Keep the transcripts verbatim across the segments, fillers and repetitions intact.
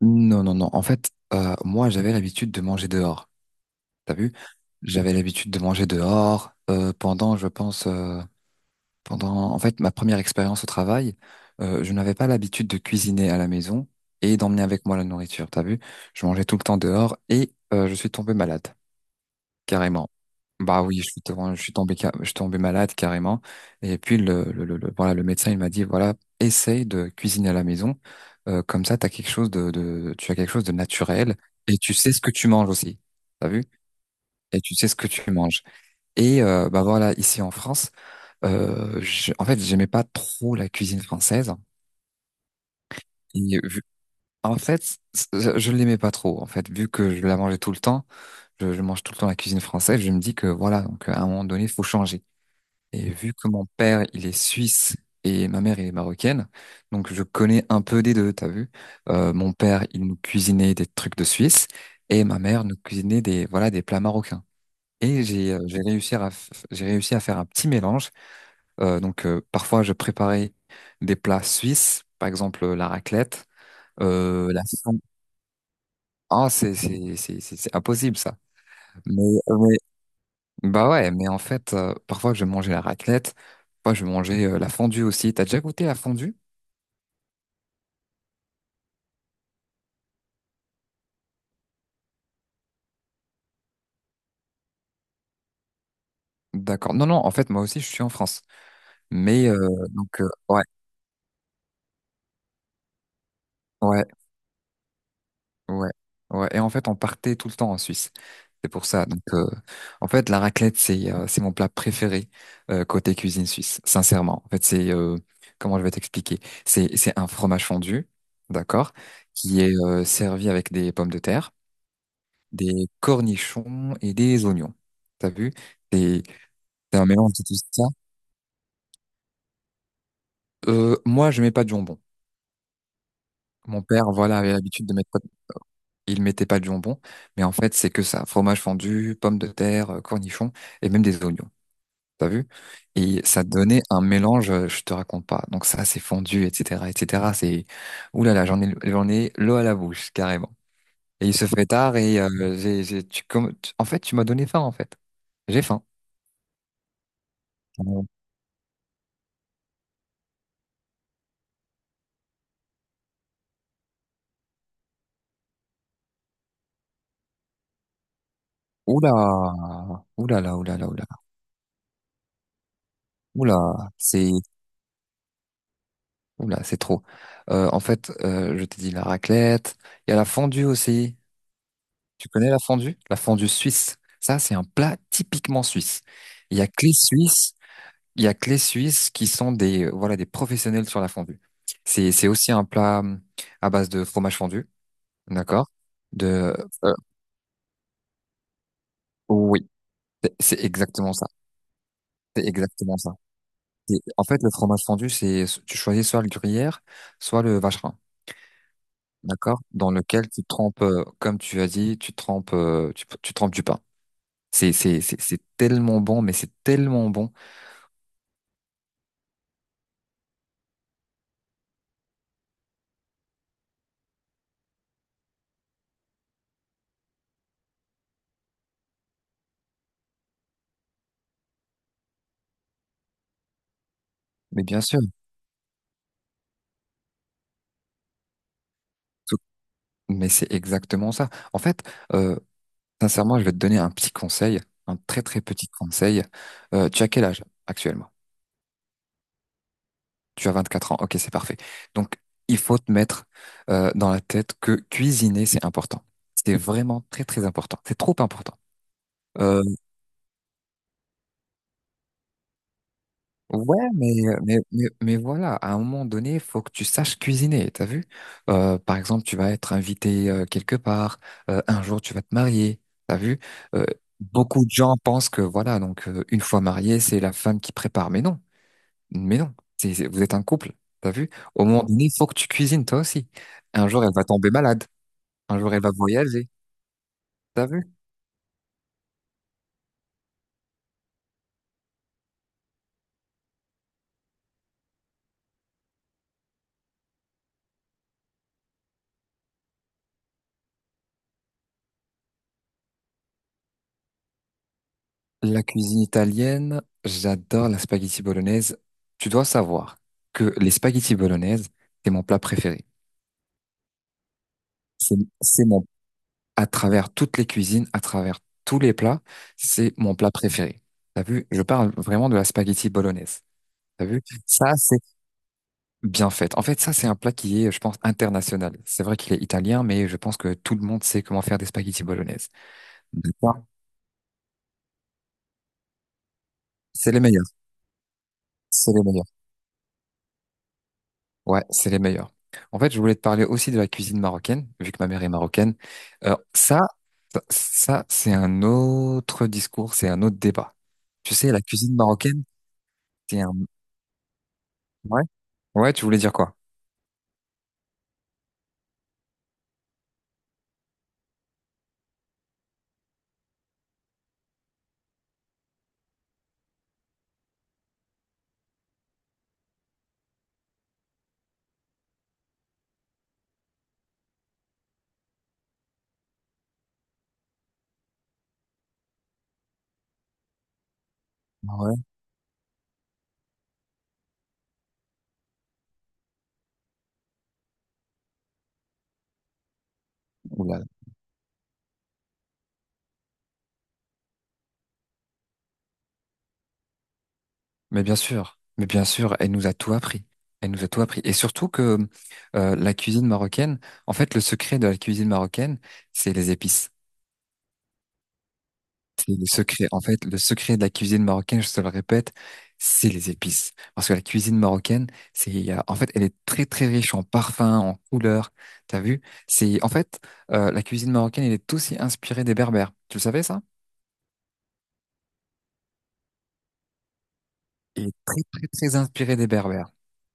Non, non, non. En fait, euh, moi, j'avais l'habitude de manger dehors. T'as vu? J'avais l'habitude de manger dehors euh, pendant, je pense, euh, pendant, en fait, ma première expérience au travail. Euh, je n'avais pas l'habitude de cuisiner à la maison et d'emmener avec moi la nourriture. T'as vu? Je mangeais tout le temps dehors et euh, je suis tombé malade, carrément. Bah oui, je suis, tombé- je suis tombé, ca- je suis tombé malade carrément. Et puis le, le, le, le- voilà, le médecin il m'a dit voilà, essaye de cuisiner à la maison. Euh, comme ça, t'as quelque chose de, de, tu as quelque chose de naturel et tu sais ce que tu manges aussi. T'as vu? Et tu sais ce que tu manges. Et euh, bah voilà, ici en France, euh, je- en fait, j'aimais pas trop la cuisine française. Et vu- en fait, je je l'aimais pas trop. En fait, vu que je la mangeais tout le temps, je, je mange tout le temps la cuisine française. Je me dis que voilà, donc à un moment donné, il faut changer. Et vu que mon père, il est suisse et ma mère, elle est marocaine, donc je connais un peu des deux, t'as vu? Euh, mon père, il nous cuisinait des trucs de Suisse et ma mère nous cuisinait des, voilà, des plats marocains. Et j'ai euh, j'ai réussi à, f- j'ai réussi à faire un petit mélange. Euh, donc euh, parfois, je préparais des plats suisses, par exemple euh, la raclette, euh, la fondue. Ah, c'est c'est- c'est- c'est- c'est impossible ça. Mais, bah ouais, mais en fait, euh, parfois je vais manger la raclette, parfois je vais manger euh, la fondue aussi. T'as déjà goûté la fondue? D'accord. Non, non, en fait, moi aussi, je suis en France. Mais euh, donc, euh, ouais, ouais, ouais, ouais. Et en fait, on partait tout le temps en Suisse. C'est pour ça. Donc, euh, en fait, la raclette, c'est euh, c'est mon plat préféré euh, côté cuisine suisse, sincèrement. En fait, c'est euh, comment je vais t'expliquer? C'est c'est un fromage fondu, d'accord, qui est euh, servi avec des pommes de terre, des cornichons et des oignons. T'as vu? C'est c'est un mélange de tout ça. Euh, moi, je mets pas de jambon. Mon père, voilà, avait l'habitude de mettre, il mettait pas de jambon, mais en fait, c'est que ça. Fromage fondu, pommes de terre, euh, cornichons et même des oignons. T'as vu? Et ça donnait un mélange, euh, je te raconte pas. Donc ça, c'est fondu, et cetera, et cetera. C'est, ouh là là, j'en ai, j'en ai l'eau à la bouche, carrément. Et il se fait tard et euh, j'ai, j'ai- tu, comme, tu- en fait, tu m'as donné faim, en fait. J'ai faim. Oula, oula là, oula là, oula, oula, c'est, oula, c'est trop. Euh, en fait, euh, je t'ai dit la raclette. Il y a la fondue aussi. Tu connais la fondue? La fondue suisse. Ça, c'est un plat typiquement suisse. Il y a que les Suisses, il y a que les Suisses qui sont des, euh, voilà, des professionnels sur la fondue. C'est, c'est aussi un plat hum, à base de fromage fondu, d'accord? De, euh, oui, c'est c'est exactement ça. C'est exactement ça. C'est- En fait, le fromage fondu, c'est tu choisis soit le gruyère, soit le vacherin, d'accord? Dans lequel tu trempes, euh, comme tu as dit, tu trempes, euh, tu, tu trempes du pain. C'est c'est c'est c'est tellement bon, mais c'est tellement bon. Mais bien sûr, tout- mais c'est exactement ça. En fait, euh, sincèrement, je vais te donner un petit conseil, un très très petit conseil. Euh, tu as quel âge actuellement? Tu as vingt-quatre ans. Ok, c'est parfait. Donc, il faut te mettre euh, dans la tête que cuisiner, c'est important. C'est vraiment très très important. C'est trop important. Euh, ouais, mais, mais, mais, mais voilà, à un moment donné, il faut que tu saches cuisiner, t'as vu? Euh, par exemple, tu vas être invité euh, quelque part, euh, un jour tu vas te marier, t'as vu? Euh, beaucoup de gens pensent que voilà, donc euh, une fois marié, c'est la femme qui prépare. Mais non, mais non, c'est, c'est- vous êtes un couple, t'as vu? Au moment donné, il faut que tu cuisines toi aussi. Un jour, elle va tomber malade, un jour, elle va voyager, t'as vu? La cuisine italienne, j'adore la spaghetti bolognaise. Tu dois savoir que les spaghetti bolognaise, c'est mon plat préféré. C'est, c'est mon, à travers toutes les cuisines, à travers tous les plats, c'est mon plat préféré. T'as vu? Je parle vraiment de la spaghetti bolognaise. T'as vu? Ça, c'est bien fait. En fait, ça, c'est un plat qui est, je pense, international. C'est vrai qu'il est italien, mais je pense que tout le monde sait comment faire des spaghetti bolognaise. D'accord? C'est les meilleurs. C'est les meilleurs. Ouais, c'est les meilleurs. En fait, je voulais te parler aussi de la cuisine marocaine, vu que ma mère est marocaine. Euh, ça, ça, ça, c'est un autre discours, c'est un autre débat. Tu sais, la cuisine marocaine, c'est un... Ouais? Ouais, tu voulais dire quoi? Ouais. Ouh là là. Mais bien sûr, mais bien sûr, elle nous a tout appris. Elle nous a tout appris. Et surtout que euh, la cuisine marocaine, en fait, le secret de la cuisine marocaine, c'est les épices. C'est le secret. En fait, le secret de la cuisine marocaine, je te le répète, c'est les épices. Parce que la cuisine marocaine, c'est, il y a- en fait, elle est très, très riche en parfums, en couleurs. T'as vu? C'est, en fait, euh, la cuisine marocaine, elle est aussi inspirée des Berbères. Tu le savais, ça? Elle est très, très, très inspirée des Berbères.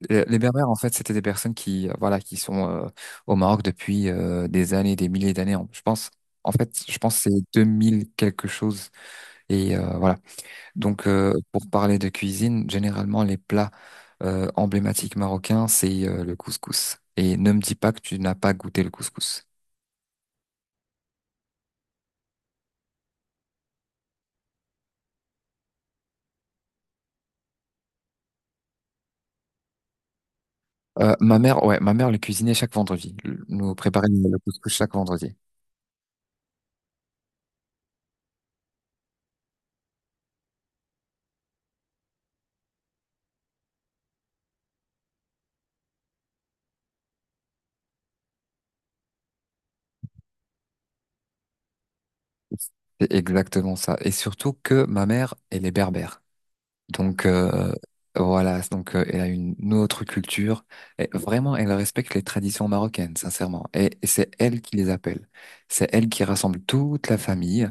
Les les Berbères, en fait, c'était des personnes qui, euh, voilà, qui sont euh, au Maroc depuis euh, des années, des milliers d'années. en- Je pense, en fait, je pense que c'est deux mille quelque chose. Et euh, voilà. Donc, euh, pour parler de cuisine, généralement, les plats euh, emblématiques marocains, c'est euh, le couscous. Et ne me dis pas que tu n'as pas goûté le couscous. Euh, ma mère, ouais, ma mère le cuisinait chaque vendredi. Le- Nous préparait le couscous chaque vendredi. C'est exactement ça. Et surtout que ma mère, elle est berbère. Donc, euh, voilà, donc euh, elle a une autre culture. Et vraiment, elle respecte les traditions marocaines, sincèrement. Et, et c'est elle qui les appelle. C'est elle qui rassemble toute la famille.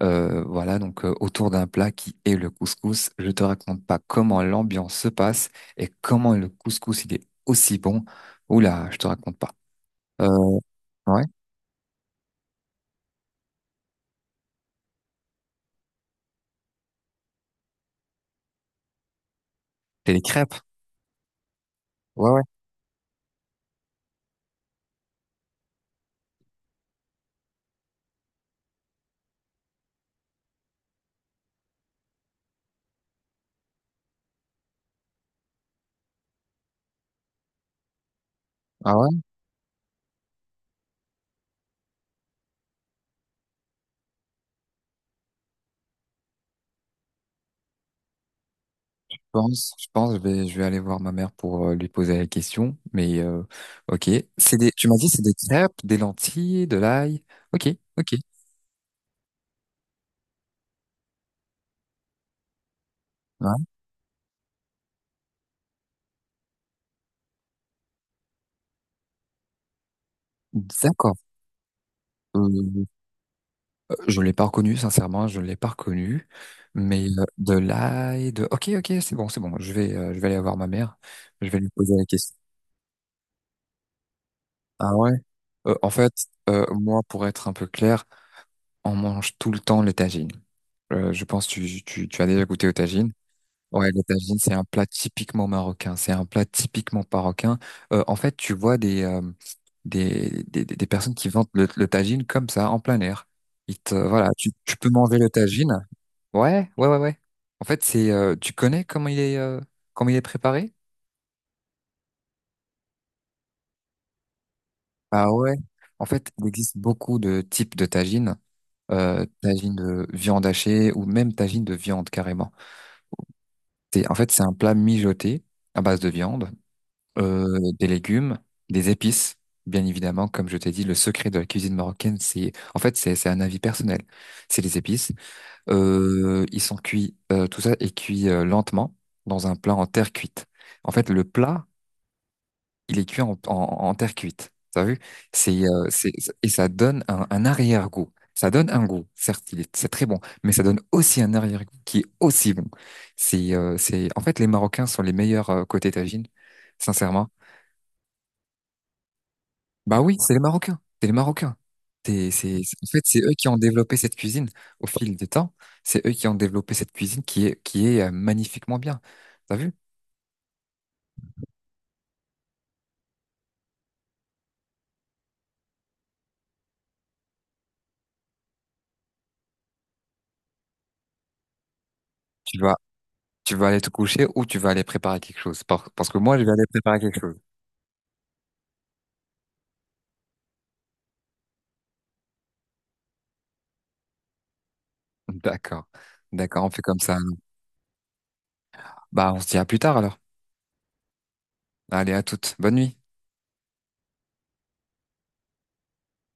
Euh, voilà, donc euh, autour d'un plat qui est le couscous, je te raconte pas comment l'ambiance se passe et comment le couscous il est aussi bon. Oula, je te raconte pas. Euh, ouais, c'est les crêpes. Ouais, ouais. Ah ouais, je pense, je pense, je vais, je vais aller voir ma mère pour euh, lui poser la question. Mais euh, ok, c'est des, tu m'as dit c'est des crêpes, des lentilles, de l'ail. Ok, ok. Ouais, d'accord. Euh, Je l'ai pas reconnu, sincèrement, je l'ai pas reconnu. Mais euh, de là et de... Ok, ok, c'est bon, c'est bon. Je vais, euh, je vais aller voir ma mère. Je vais lui poser la question. Ah ouais? Euh, en fait, euh, moi, pour être un peu clair, on mange tout le temps les tagines. Euh, je pense que tu, tu, tu as déjà goûté aux tagines. Ouais, les tagines, c'est un plat typiquement marocain. C'est un plat typiquement marocain. Euh, en fait, tu vois des, euh, des, des, des des personnes qui vendent le, le tagine comme ça, en plein air. Ils te, voilà, tu, tu peux manger le tagine. Ouais, ouais, ouais, ouais. En fait, c'est, euh, tu connais comment il est, euh, comment il est préparé? Ah ouais. En fait, il existe beaucoup de types de tagines, euh, tagine de viande hachée ou même tagine de viande carrément. C'est, en fait, c'est un plat mijoté à base de viande, euh, des légumes, des épices. Bien évidemment, comme je t'ai dit, le secret de la cuisine marocaine, c'est, en fait, c'est, c'est un avis personnel. C'est les épices. Euh, ils sont cuits, euh, tout ça est cuit euh, lentement dans un plat en terre cuite. En fait, le plat il est cuit en, en- en terre cuite. T'as vu? C'est, euh, c'est, et ça donne un, un arrière-goût. Ça donne un goût, certes, il est, c'est très bon, mais ça donne aussi un arrière-goût qui est aussi bon. C'est, euh, c'est, en fait, les Marocains sont les meilleurs euh, côté tagine, sincèrement. Bah oui, c'est les Marocains, c'est les Marocains. C'est, c'est, c'est- en fait, c'est eux qui ont développé cette cuisine au fil du temps. C'est eux qui ont développé cette cuisine qui est, qui est euh, magnifiquement bien. T'as vu? Tu vas, tu vas aller te coucher ou tu vas aller préparer quelque chose. Par- Parce que moi, je vais aller préparer quelque chose. D'accord. D'accord, on fait comme ça alors. Bah, on se dit à plus tard alors. Allez, à toutes. Bonne nuit.